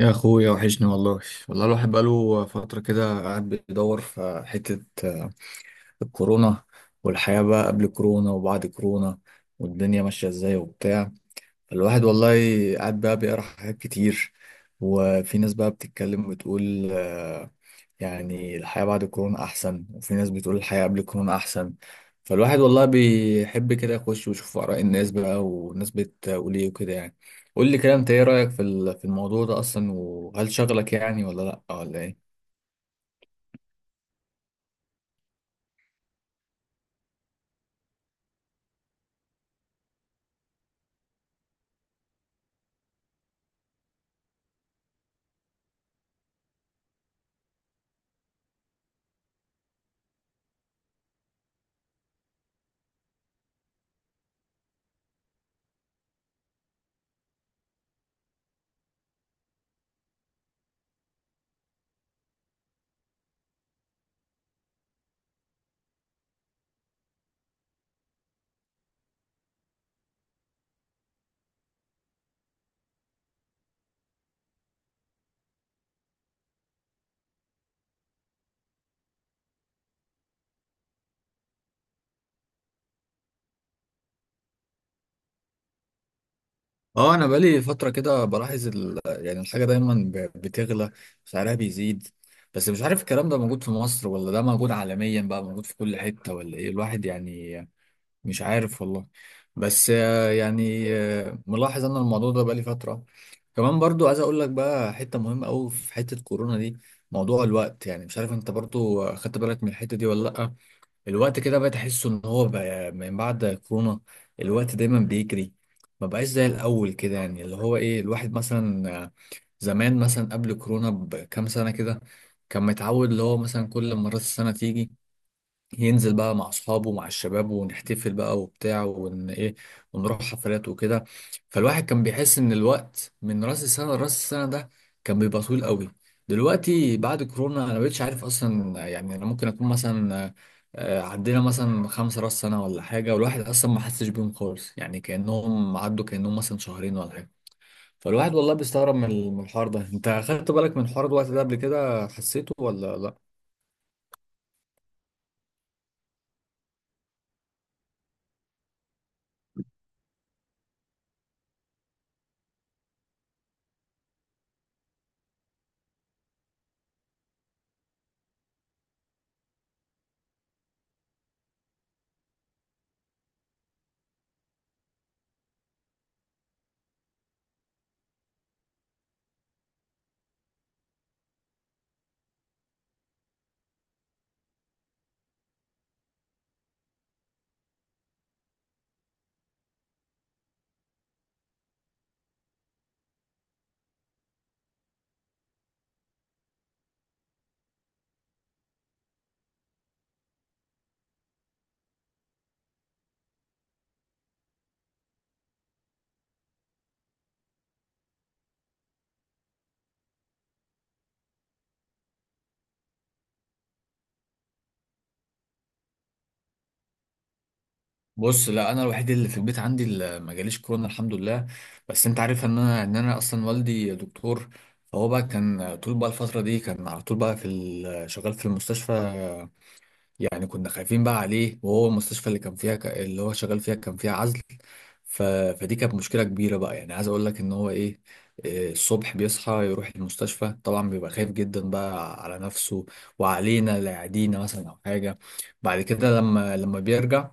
يا اخويا وحشني والله. والله الواحد بقاله فترة كده قاعد بيدور في حتة الكورونا، والحياة بقى قبل كورونا وبعد كورونا، والدنيا ماشية ازاي وبتاع. الواحد والله قاعد بقى بيقرا حاجات كتير، وفي ناس بقى بتتكلم وتقول يعني الحياة بعد الكورونا أحسن، وفي ناس بتقول الحياة قبل الكورونا أحسن. فالواحد والله بيحب كده يخش ويشوف آراء الناس بقى والناس بتقول إيه وكده يعني. قول لي كده، أنت إيه رأيك في الموضوع ده أصلا، وهل شغلك يعني ولا لأ ولا إيه؟ اه، انا بقالي فتره كده بلاحظ يعني الحاجه دايما بتغلى، سعرها بيزيد. بس مش عارف الكلام ده موجود في مصر ولا ده موجود عالميا بقى موجود في كل حته، ولا ايه الواحد يعني. مش عارف والله. بس يعني ملاحظ انا الموضوع ده بقالي فتره. كمان برضو عايز اقول لك بقى حته مهمه قوي في حته كورونا دي، موضوع الوقت. يعني مش عارف انت برضو خدت بالك من الحته دي ولا لا. الوقت كده بقيت احس ان هو بقى من بعد كورونا الوقت دايما بيجري، ما بقاش زي الاول كده. يعني اللي هو ايه، الواحد مثلا آه، زمان مثلا قبل كورونا بكام سنة كده كان متعود اللي هو مثلا كل ما راس السنة تيجي ينزل بقى مع اصحابه ومع الشباب ونحتفل بقى وبتاع ون ايه، ونروح حفلات وكده. فالواحد كان بيحس ان الوقت من راس السنه لراس السنه ده كان بيبقى طويل قوي. دلوقتي بعد كورونا انا مبقتش عارف اصلا. يعني انا ممكن اكون مثلا آه، عدينا مثلا خمسة راس سنه ولا حاجه، والواحد اصلا ما حسش بيهم خالص، يعني كانهم عدوا كانهم مثلا شهرين ولا حاجه. فالواحد والله بيستغرب من الحوار ده. انت خدت بالك من حوار الوقت ده قبل كده، حسيته ولا لا؟ بص، لا، انا الوحيد اللي في البيت عندي اللي ما جاليش كورونا الحمد لله. بس انت عارف ان انا ان انا اصلا والدي دكتور، فهو بقى كان طول بقى الفتره دي كان على طول بقى شغال في المستشفى. يعني كنا خايفين بقى عليه، وهو المستشفى اللي كان فيها اللي هو شغال فيها كان فيها عزل. ف... فدي كانت مشكلة كبيرة بقى. يعني عايز اقول لك ان هو ايه، إيه، الصبح بيصحى يروح المستشفى طبعا بيبقى خايف جدا بقى على نفسه وعلينا لا يعدينا مثلا او حاجة. بعد كده لما بيرجع،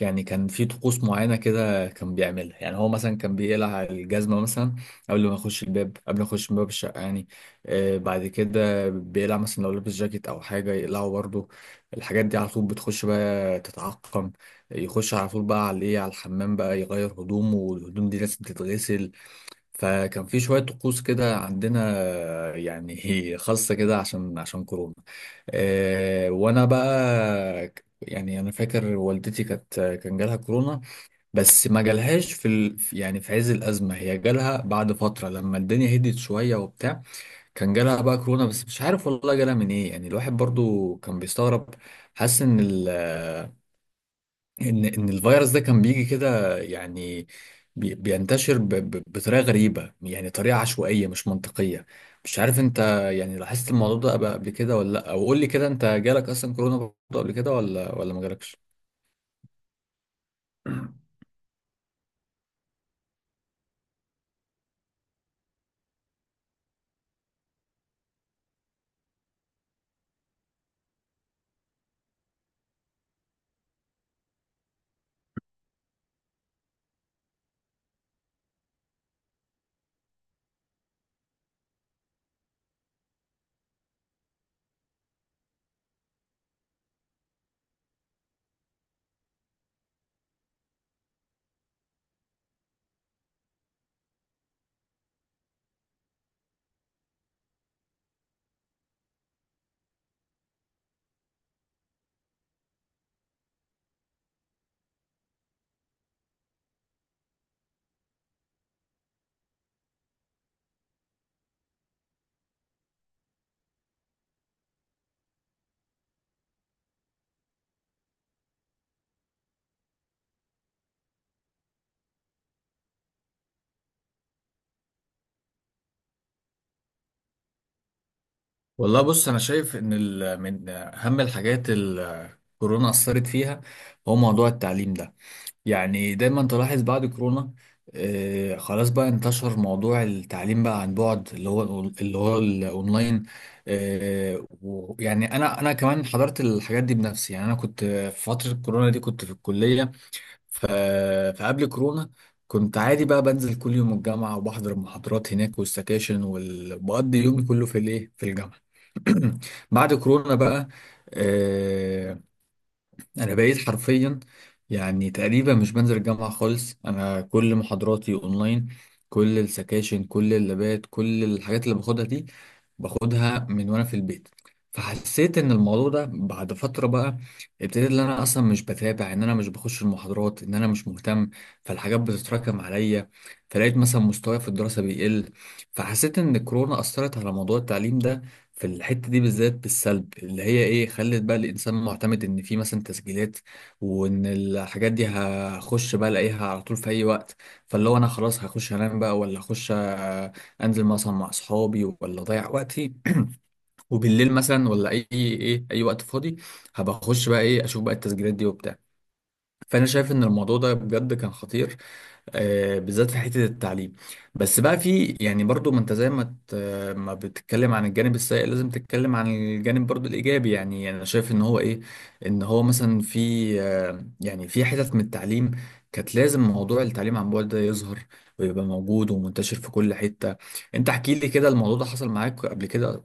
يعني كان في طقوس معينة كده كان بيعملها. يعني هو مثلا كان بيقلع الجزمة مثلا قبل ما يخش الباب، قبل ما يخش من باب الشقة يعني. آه، بعد كده بيقلع مثلا لو لابس جاكيت أو حاجة يقلعه برضه. الحاجات دي على طول بتخش بقى تتعقم. يخش على طول بقى على الايه، على الحمام بقى يغير هدومه، والهدوم دي لازم تتغسل. فكان في شوية طقوس كده عندنا يعني خاصة كده عشان كورونا. وانا بقى يعني انا فاكر والدتي كانت كان جالها كورونا. بس ما جالهاش يعني في عز الازمه، هي جالها بعد فتره لما الدنيا هدت شويه وبتاع. كان جالها بقى كورونا، بس مش عارف والله جالها من ايه. يعني الواحد برضو كان بيستغرب، حاسس ان ال ان ان الفيروس ده كان بيجي كده يعني بينتشر بطريقه غريبه، يعني طريقه عشوائيه مش منطقيه. مش عارف انت يعني لاحظت الموضوع ده قبل كده ولا لا، او قول لي كده انت جالك اصلا كورونا برضو قبل كده ولا ما جالكش؟ والله بص، انا شايف ان من اهم الحاجات كورونا اثرت فيها هو موضوع التعليم ده. يعني دايما تلاحظ بعد كورونا آه، خلاص بقى انتشر موضوع التعليم بقى عن بعد، اللي هو اللي هو الاونلاين. آه، ويعني انا كمان حضرت الحاجات دي بنفسي. يعني انا كنت في فترة كورونا دي كنت في الكلية. ف- فقبل كورونا كنت عادي بقى بنزل كل يوم الجامعة وبحضر المحاضرات هناك والسكاشن وبقضي يومي كله في الايه، في الجامعة. بعد كورونا بقى آه، انا بقيت حرفيا يعني تقريبا مش بنزل الجامعه خالص. انا كل محاضراتي اونلاين، كل السكاشن كل اللابات كل الحاجات اللي باخدها دي باخدها من وانا في البيت. فحسيت ان الموضوع ده بعد فتره بقى ابتديت ان انا اصلا مش بتابع، ان انا مش بخش المحاضرات، ان انا مش مهتم. فالحاجات بتتراكم عليا، فلقيت مثلا مستواي في الدراسه بيقل. فحسيت ان الكورونا اثرت على موضوع التعليم ده في الحتة دي بالذات بالسلب، اللي هي ايه، خلت بقى الانسان معتمد ان في مثلا تسجيلات، وان الحاجات دي هخش بقى الاقيها على طول في اي وقت. فاللي هو انا خلاص هخش انام بقى، ولا هخش انزل مثلا مع اصحابي، ولا اضيع وقتي وبالليل مثلا، ولا اي ايه اي وقت فاضي هبقى اخش بقى ايه، اشوف بقى التسجيلات دي وبتاع. فانا شايف ان الموضوع ده بجد كان خطير بالذات في حته التعليم. بس بقى في يعني برضو، ما انت زي ما بتتكلم عن الجانب السيء لازم تتكلم عن الجانب برضو الايجابي. يعني يعني انا شايف ان هو ايه، ان هو مثلا في يعني في حتت من التعليم كانت لازم موضوع التعليم عن بعد ده يظهر ويبقى موجود ومنتشر في كل حته. انت احكي لي كده، الموضوع ده حصل معاك قبل كده؟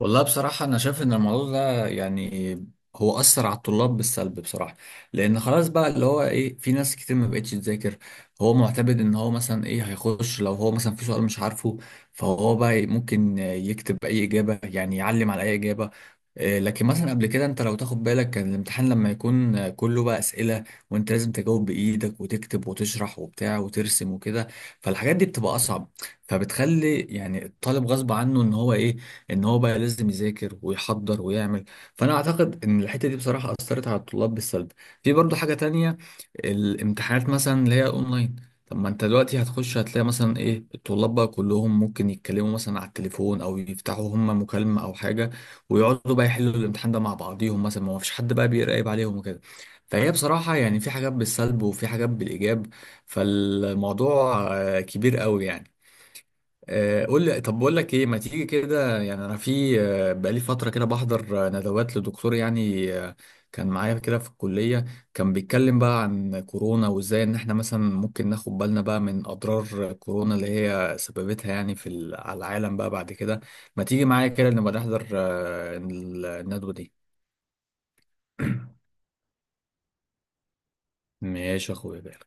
والله بصراحة أنا شايف إن الموضوع ده يعني هو أثر على الطلاب بالسلب بصراحة. لأن خلاص بقى اللي هو إيه، في ناس كتير ما بقتش تذاكر، هو معتمد إن هو مثلا إيه هيخش لو هو مثلا في سؤال مش عارفه فهو بقى ممكن يكتب أي إجابة، يعني يعلم على أي إجابة. آه، لكن مثلا قبل كده انت لو تاخد بالك كان الامتحان لما يكون كله بقى اسئله، وانت لازم تجاوب بايدك وتكتب وتشرح وبتاع وترسم وكده. فالحاجات دي بتبقى اصعب، فبتخلي يعني الطالب غصب عنه ان هو ايه، ان هو بقى لازم يذاكر ويحضر ويعمل. فانا اعتقد ان الحته دي بصراحه اثرت على الطلاب بالسلب. في برضو حاجه تانية، الامتحانات مثلا اللي هي اونلاين. طب ما انت دلوقتي هتخش هتلاقي مثلا ايه، الطلاب بقى كلهم ممكن يتكلموا مثلا على التليفون او يفتحوا هم مكالمه او حاجه، ويقعدوا بقى يحلوا الامتحان ده مع بعضيهم مثلا، ما فيش حد بقى بيراقب عليهم وكده. فهي بصراحه يعني في حاجات بالسلب وفي حاجات بالايجاب. فالموضوع كبير قوي يعني. قول لي طب، بقول لك ايه، ما تيجي كده. يعني انا في بقالي فتره كده بحضر ندوات لدكتور يعني كان معايا كده في الكليه، كان بيتكلم بقى عن كورونا وازاي ان احنا مثلا ممكن ناخد بالنا بقى من اضرار كورونا اللي هي سببتها يعني على العالم بقى بعد كده. ما تيجي معايا كده نبقى نحضر الندوه دي. ماشي يا اخويا.